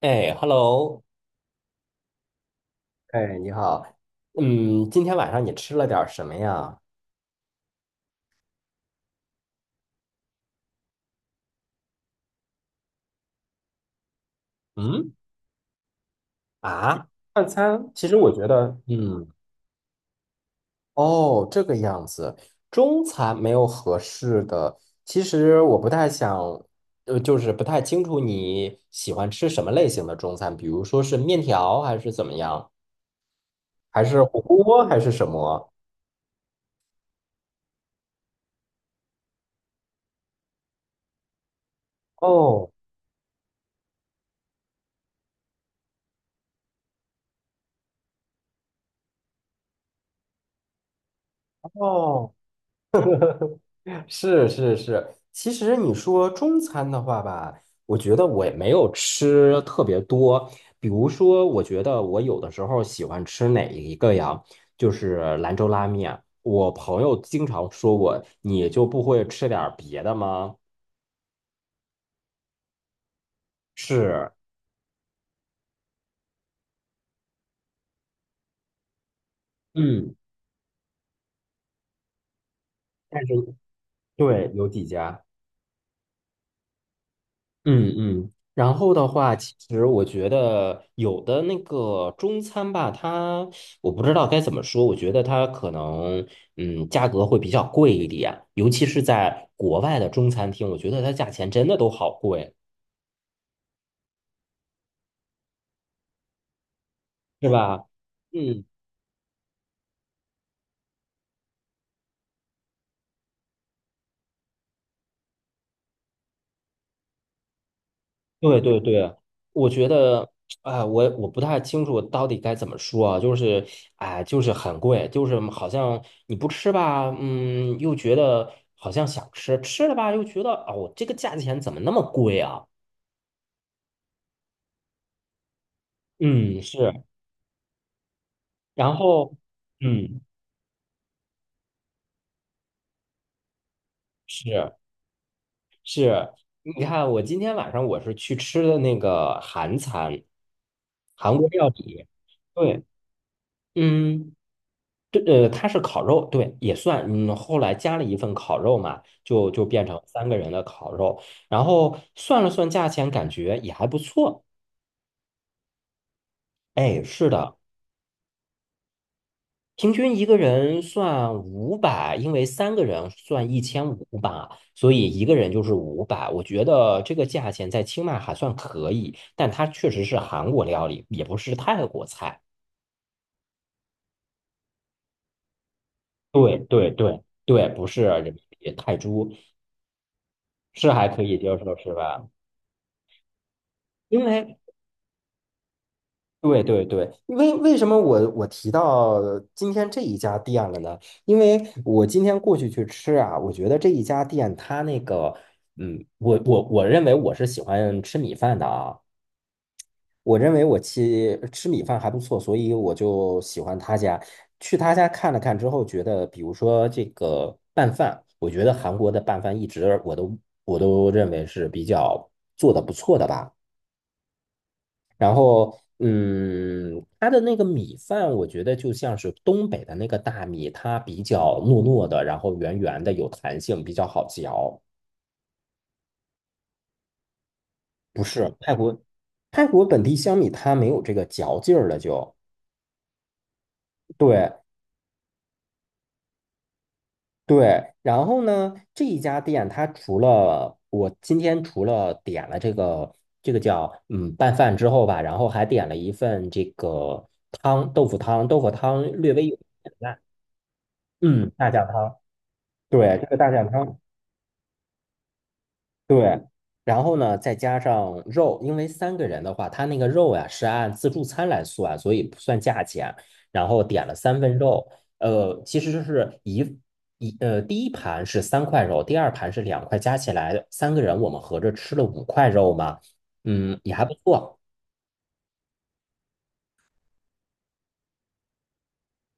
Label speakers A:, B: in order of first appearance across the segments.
A: 哎，hello，哎，你好，嗯，今天晚上你吃了点儿什么呀？嗯，啊，晚餐其实我觉得，哦，这个样子，中餐没有合适的。其实我不太想，就是不太清楚你喜欢吃什么类型的中餐，比如说是面条还是怎么样，还是火锅还是什么？哦哦，是是是，其实你说中餐的话吧，我觉得我也没有吃特别多。比如说，我觉得我有的时候喜欢吃哪一个呀？就是兰州拉面。我朋友经常说我，你就不会吃点儿别的吗？是，嗯，但是对，有几家。嗯嗯，然后的话，其实我觉得有的那个中餐吧，它我不知道该怎么说，我觉得它可能价格会比较贵一点，尤其是在国外的中餐厅，我觉得它价钱真的都好贵，是吧？嗯。对对对，我觉得，哎，我不太清楚到底该怎么说啊，就是，哎，就是很贵，就是好像你不吃吧，又觉得好像想吃，吃了吧又觉得，哦，这个价钱怎么那么贵啊？嗯，是，然后，嗯，是是，你看我今天晚上我是去吃的那个韩餐，韩国料理，对，嗯。对，它是烤肉，对，也算，后来加了一份烤肉嘛，就变成三个人的烤肉，然后算了算价钱，感觉也还不错。哎，是的，平均一个人算五百，因为三个人算1500吧，所以一个人就是五百。我觉得这个价钱在清迈还算可以，但它确实是韩国料理，也不是泰国菜。对对对对，不是人民币泰铢，是还可以接受，是吧？因为对对对，为什么我提到今天这一家店了呢？因为我今天过去去吃啊，我觉得这一家店它那个，我认为我是喜欢吃米饭的啊，我认为我吃米饭还不错，所以我就喜欢他家。去他家看了看之后，觉得比如说这个拌饭，我觉得韩国的拌饭一直我都认为是比较做的不错的吧。然后，它的那个米饭，我觉得就像是东北的那个大米，它比较糯糯的，然后圆圆的，有弹性，比较好嚼。不是泰国，泰国本地香米它没有这个嚼劲儿了就，对对。然后呢，这一家店它除了我今天除了点了这个叫拌饭之后吧，然后还点了一份这个豆腐汤，豆腐汤略微有点辣，嗯，大酱汤。对，这个大酱汤，对，然后呢，再加上肉，因为三个人的话，他那个肉呀是按自助餐来算，所以不算价钱。然后点了三份肉，其实就是一一呃，第一盘是三块肉，第二盘是两块，加起来三个人我们合着吃了五块肉嘛，嗯，也还不错。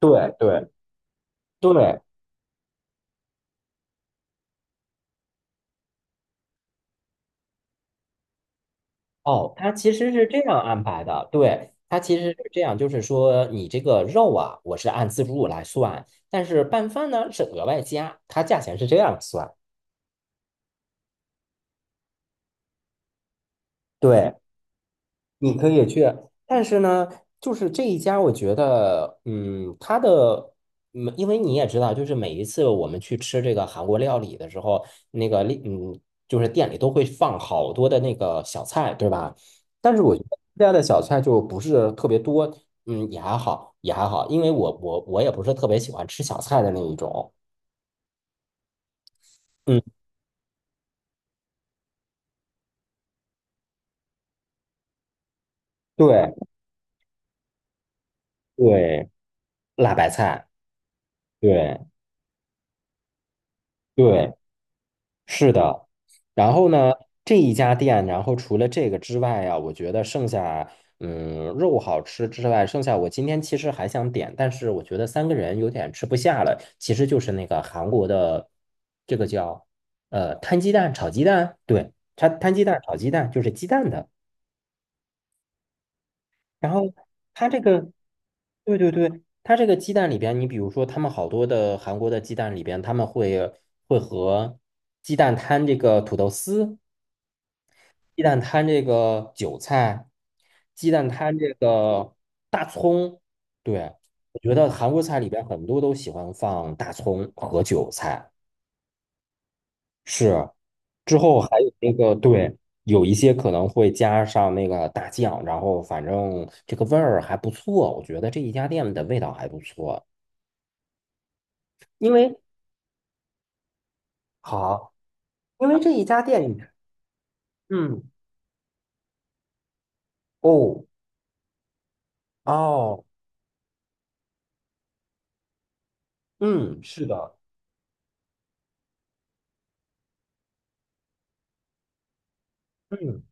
A: 对对对，哦，它其实是这样安排的，对，它其实是这样，就是说你这个肉啊，我是按自助来算，但是拌饭呢是额外加，它价钱是这样算。对，你可以去，但是呢，就是这一家，我觉得，它的，因为你也知道，就是每一次我们去吃这个韩国料理的时候，那个，就是店里都会放好多的那个小菜，对吧？但是我觉得这家的小菜就不是特别多，也还好，也还好，因为我也不是特别喜欢吃小菜的那一种，嗯，对对，辣白菜，对对。是的，然后呢，这一家店，然后除了这个之外啊，我觉得剩下，肉好吃之外，剩下我今天其实还想点，但是我觉得三个人有点吃不下了。其实就是那个韩国的，这个叫摊鸡蛋炒鸡蛋，对，摊鸡蛋炒鸡蛋就是鸡蛋的。然后它这个，对对对，它这个鸡蛋里边，你比如说他们好多的韩国的鸡蛋里边，他们会和鸡蛋摊这个土豆丝。鸡蛋摊这个韭菜，鸡蛋摊这个大葱。对，我觉得韩国菜里边很多都喜欢放大葱和韭菜。是，之后还有那个，对，有一些可能会加上那个大酱，然后反正这个味儿还不错，我觉得这一家店的味道还不错。因为好，因为这一家店里面，嗯，哦，哦，嗯，是的，嗯。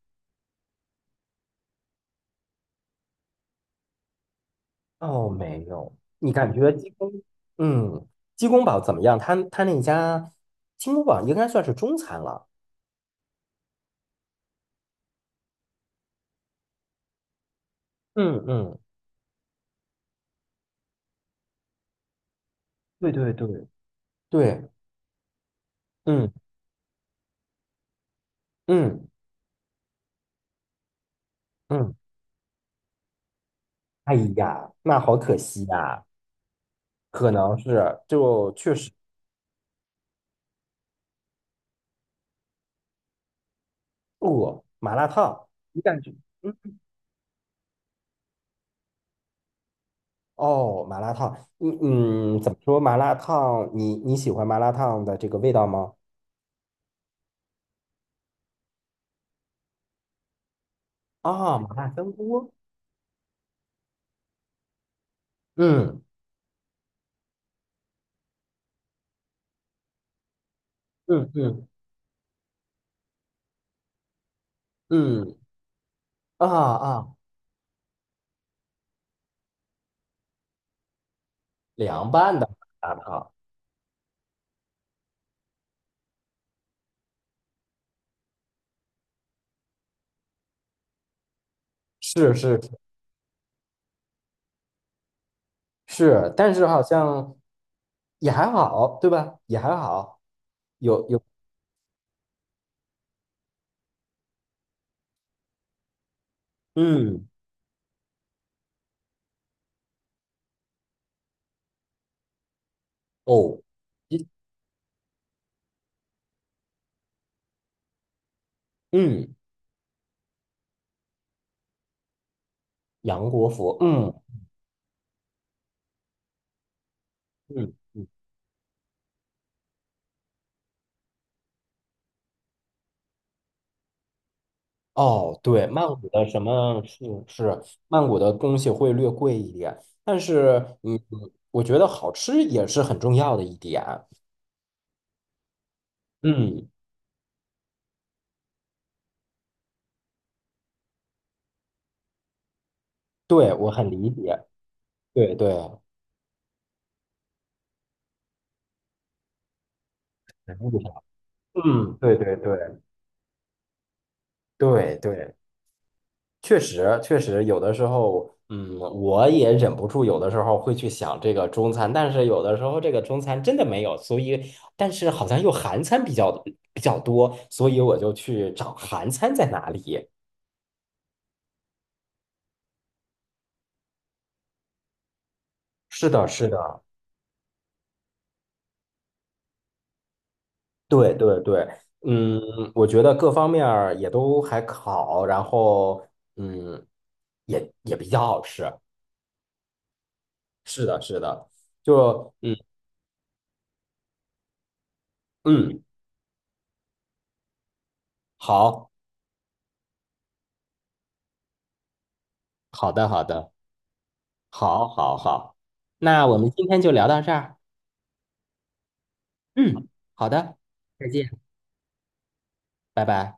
A: 哦，没有。你感觉嗯，鸡公煲怎么样？他那家鸡公煲应该算是中餐了。嗯嗯，对对对对，嗯嗯嗯。哎呀，那好可惜呀、可能是就确实饿麻辣烫。你感觉？嗯哦，麻辣烫，嗯嗯，怎么说？麻辣烫，你喜欢麻辣烫的这个味道吗？啊、麻辣香锅。嗯嗯嗯嗯，啊啊凉拌的啊，是是是，但是好像也还好，对吧？也还好，有有，嗯，哦，一嗯，杨国福，嗯嗯嗯，哦，对，曼谷的什么是曼谷的东西会略贵一点，但是我觉得好吃也是很重要的一点，嗯，对，我很理解，对对，很正常对对对对对。确实，确实，有的时候，我也忍不住，有的时候会去想这个中餐，但是有的时候这个中餐真的没有，所以，但是好像又韩餐比较多，所以我就去找韩餐在哪里。是的，是的，对对对，嗯，我觉得各方面儿也都还好，然后，嗯，也比较好吃。是的，是的，就，嗯嗯，好，好的，好的。好，好，好，那我们今天就聊到这儿。嗯，好的，再见，拜拜。